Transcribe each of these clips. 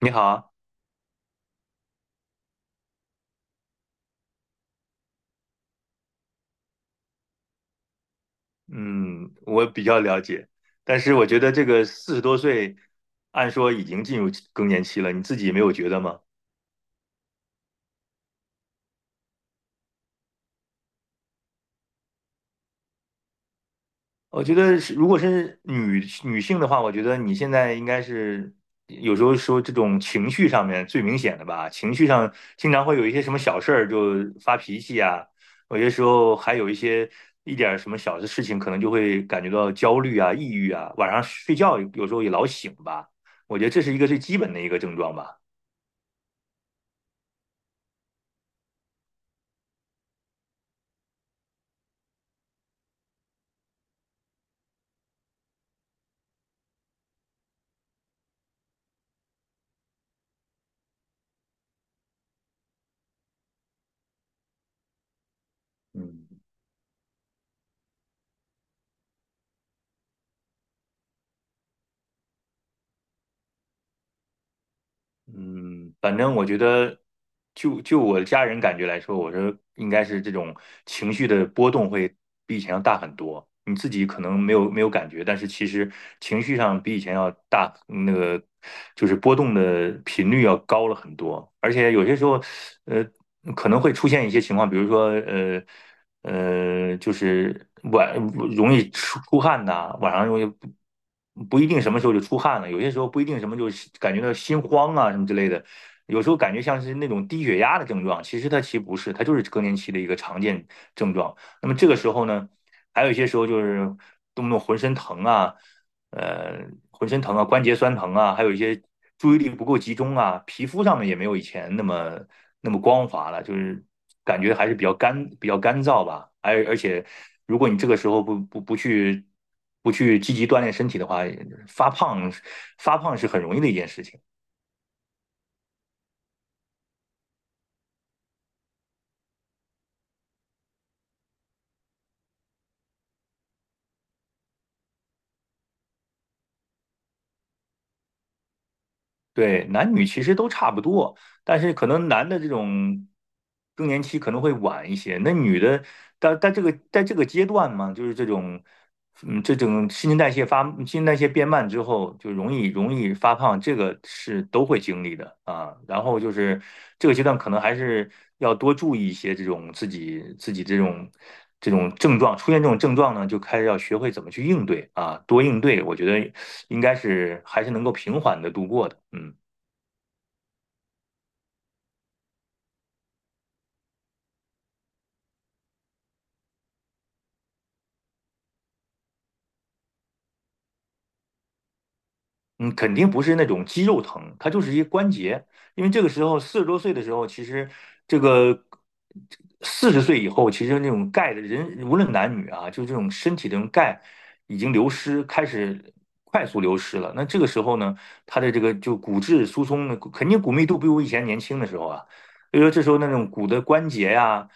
你好。嗯，我比较了解，但是我觉得这个四十多岁，按说已经进入更年期了，你自己没有觉得吗？我觉得是，如果是女性的话，我觉得你现在应该是有时候说这种情绪上面最明显的吧。情绪上经常会有一些什么小事儿就发脾气啊，有些时候还有一些一点儿什么小的事情，可能就会感觉到焦虑啊、抑郁啊，晚上睡觉有时候也老醒吧。我觉得这是一个最基本的一个症状吧。嗯嗯，反正我觉得就我家人感觉来说，我说应该是这种情绪的波动会比以前要大很多。你自己可能没有感觉，但是其实情绪上比以前要大，那个就是波动的频率要高了很多。而且有些时候，呃，可能会出现一些情况，比如说，就是晚容易出汗呐，晚上容易不一定什么时候就出汗了，有些时候不一定什么就是感觉到心慌啊什么之类的，有时候感觉像是那种低血压的症状，其实它其实不是，它就是更年期的一个常见症状。那么这个时候呢，还有一些时候就是动不动浑身疼啊，浑身疼啊，关节酸疼啊，还有一些注意力不够集中啊，皮肤上面也没有以前那么那么光滑了，就是感觉还是比较干燥吧。而且，如果你这个时候不去积极锻炼身体的话，发胖发胖是很容易的一件事情。对，男女其实都差不多。但是可能男的这种更年期可能会晚一些，那女的，但这个在这个阶段嘛，就是这种，嗯，这种新陈代谢变慢之后，就容易发胖，这个是都会经历的啊。然后就是这个阶段可能还是要多注意一些这种自己这种。这种症状出现这种症状呢，就开始要学会怎么去应对啊，多应对，我觉得应该是还是能够平缓的度过的。嗯。嗯，肯定不是那种肌肉疼，它就是一关节。因为这个时候四十多岁的时候，其实这个四十岁以后，其实那种钙的人，无论男女啊，就这种身体的这种钙已经流失，开始快速流失了。那这个时候呢，它的这个就骨质疏松呢，肯定骨密度不如以前年轻的时候啊。所以说这时候那种骨的关节呀、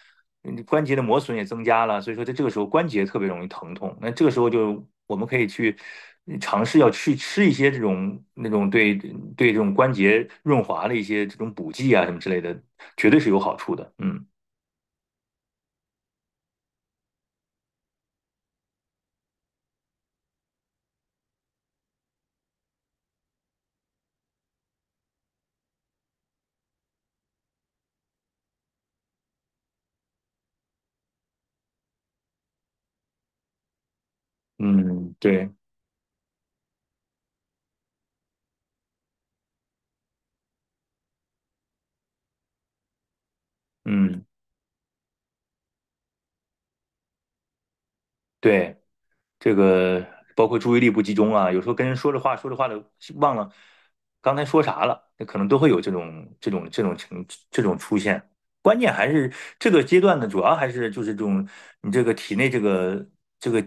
嗯，关节的磨损也增加了，所以说在这个时候关节特别容易疼痛。那这个时候就我们可以去嗯尝试要去吃一些这种对这种关节润滑的一些这种补剂啊什么之类的，绝对是有好处的。嗯嗯，对，嗯对。这个包括注意力不集中啊，有时候跟人说着话，说着话的忘了刚才说啥了，那可能都会有这种出现。关键还是这个阶段呢，主要还是就是这种你这个体内这个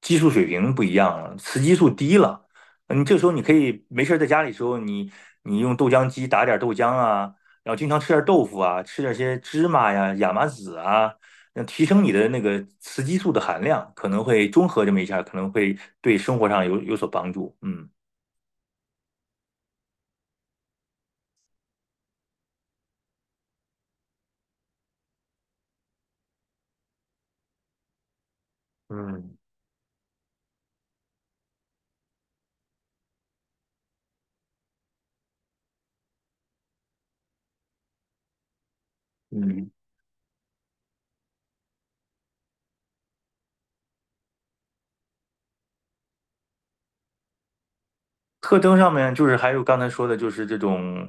激素水平不一样了，雌激素低了，你这时候你可以没事儿在家里的时候，你用豆浆机打点豆浆啊，然后经常吃点豆腐啊，吃点些芝麻呀、亚麻籽啊。那提升你的那个雌激素的含量，可能会综合这么一下，可能会对生活上有所帮助。嗯嗯嗯，特征上面就是还有刚才说的，就是这种，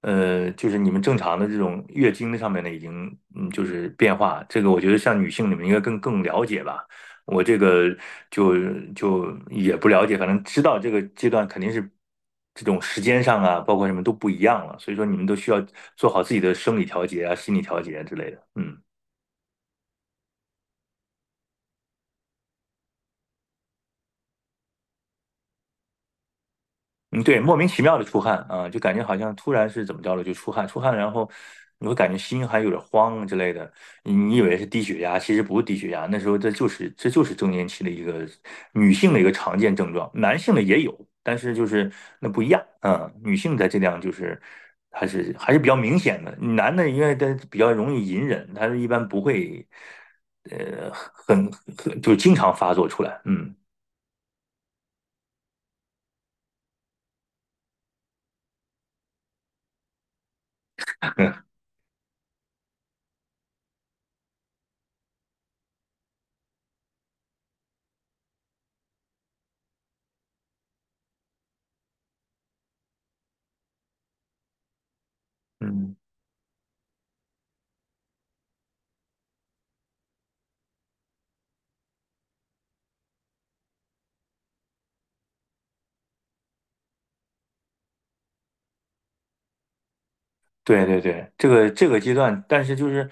就是你们正常的这种月经的上面的已经嗯，就是变化。这个我觉得像女性你们应该更了解吧。我这个就就也不了解，反正知道这个阶段肯定是这种时间上啊，包括什么都不一样了。所以说你们都需要做好自己的生理调节啊、心理调节啊之类的。嗯。嗯，对，莫名其妙的出汗啊，就感觉好像突然是怎么着了就出汗，出汗，然后你会感觉心还有点慌之类的，你以为是低血压，其实不是低血压，那时候这就是更年期的一个女性的一个常见症状，男性的也有，但是就是那不一样。嗯，女性在这样就是还是比较明显的，男的因为他比较容易隐忍，他一般不会呃很很就经常发作出来。嗯 嗯。对对对，这个阶段，但是就是，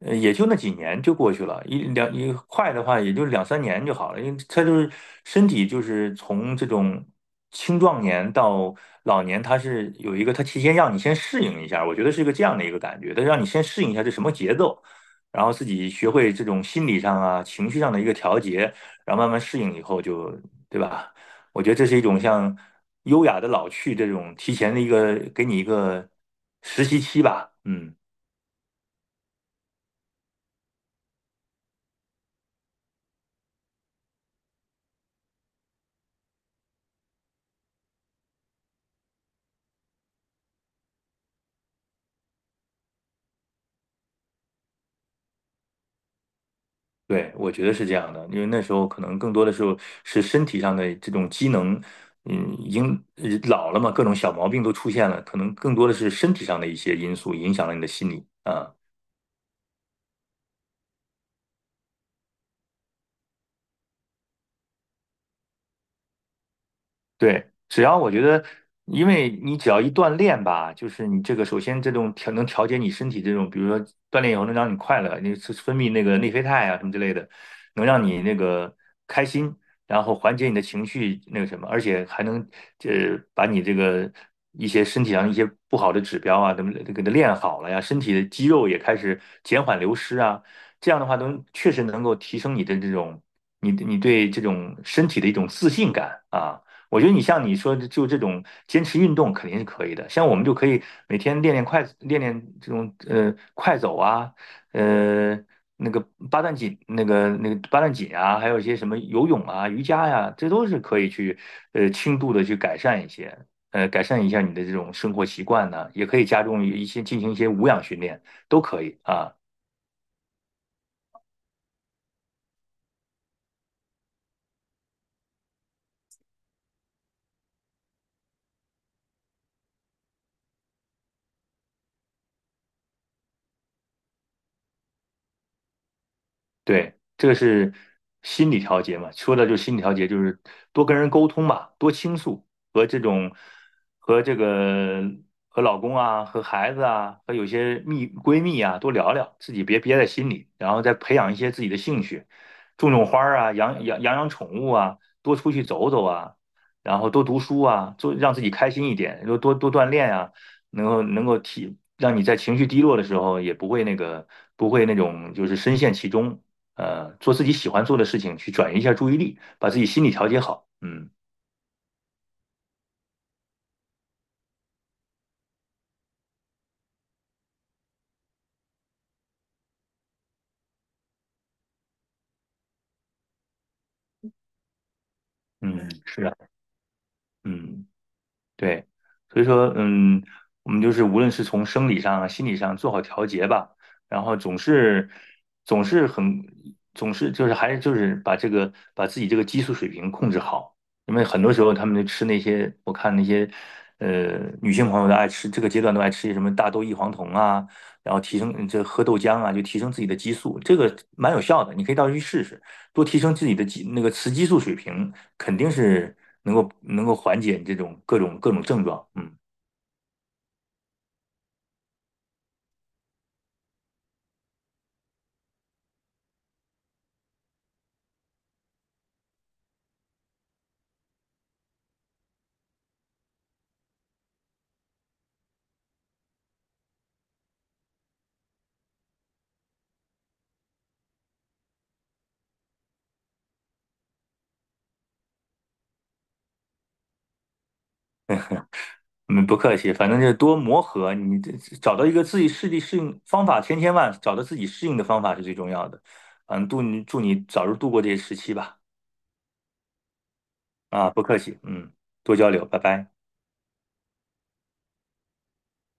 也就那几年就过去了，一两一快的话也就两三年就好了，因为他就是身体就是从这种青壮年到老年，他是有一个他提前让你先适应一下，我觉得是一个这样的一个感觉，他让你先适应一下这什么节奏，然后自己学会这种心理上啊、情绪上的一个调节，然后慢慢适应以后就，对吧？我觉得这是一种像优雅的老去这种提前的一个给你一个实习期吧。嗯，对，我觉得是这样的，因为那时候可能更多的时候是身体上的这种机能，嗯，已经老了嘛，各种小毛病都出现了，可能更多的是身体上的一些因素影响了你的心理啊。对，只要我觉得，因为你只要一锻炼吧，就是你这个首先这种调节你身体这种，比如说锻炼以后能让你快乐，你是分泌那个内啡肽啊什么之类的，能让你那个开心，然后缓解你的情绪那个什么，而且还能把你这个一些身体上一些不好的指标啊，怎么给它练好了呀，身体的肌肉也开始减缓流失啊，这样的话能确实能够提升你的这种你对这种身体的一种自信感啊。我觉得你像你说的，就这种坚持运动肯定是可以的。像我们就可以每天练练这种快走啊，呃那个八段锦，那个八段锦啊，还有一些什么游泳啊、瑜伽呀、这都是可以去轻度的去改善一些，呃改善一下你的这种生活习惯呢、也可以加重一些进行一些无氧训练，都可以啊。对，这个是心理调节嘛，说的就是心理调节，就是多跟人沟通嘛，多倾诉，和这种和这个和老公啊，和孩子啊，和有些蜜闺蜜啊，多聊聊，自己别憋在心里，然后再培养一些自己的兴趣，种种花儿啊，养养宠物啊，多出去走走啊，然后多读书啊，做让自己开心一点，多锻炼啊，能够能够提。让你在情绪低落的时候也不会那个，不会那种就是深陷其中，做自己喜欢做的事情，去转移一下注意力，把自己心理调节好。嗯嗯是的。嗯。对，所以说，嗯，我们就是无论是从生理上啊、心理上做好调节吧，然后总是很总是就是还是把这个把自己这个激素水平控制好，因为很多时候他们就吃那些我看那些女性朋友都爱吃，这个阶段都爱吃一些什么大豆异黄酮啊，然后提升这喝豆浆啊，就提升自己的激素，这个蛮有效的，你可以到时候去试试。多提升自己的激那个雌激素水平，肯定是能够缓解你这种各种症状。嗯，嗯，不客气，反正就是多磨合，你这找到一个自己适地适应方法，千千万找到自己适应的方法是最重要的。嗯，祝你早日度过这些时期吧。啊，不客气，嗯，多交流，拜拜。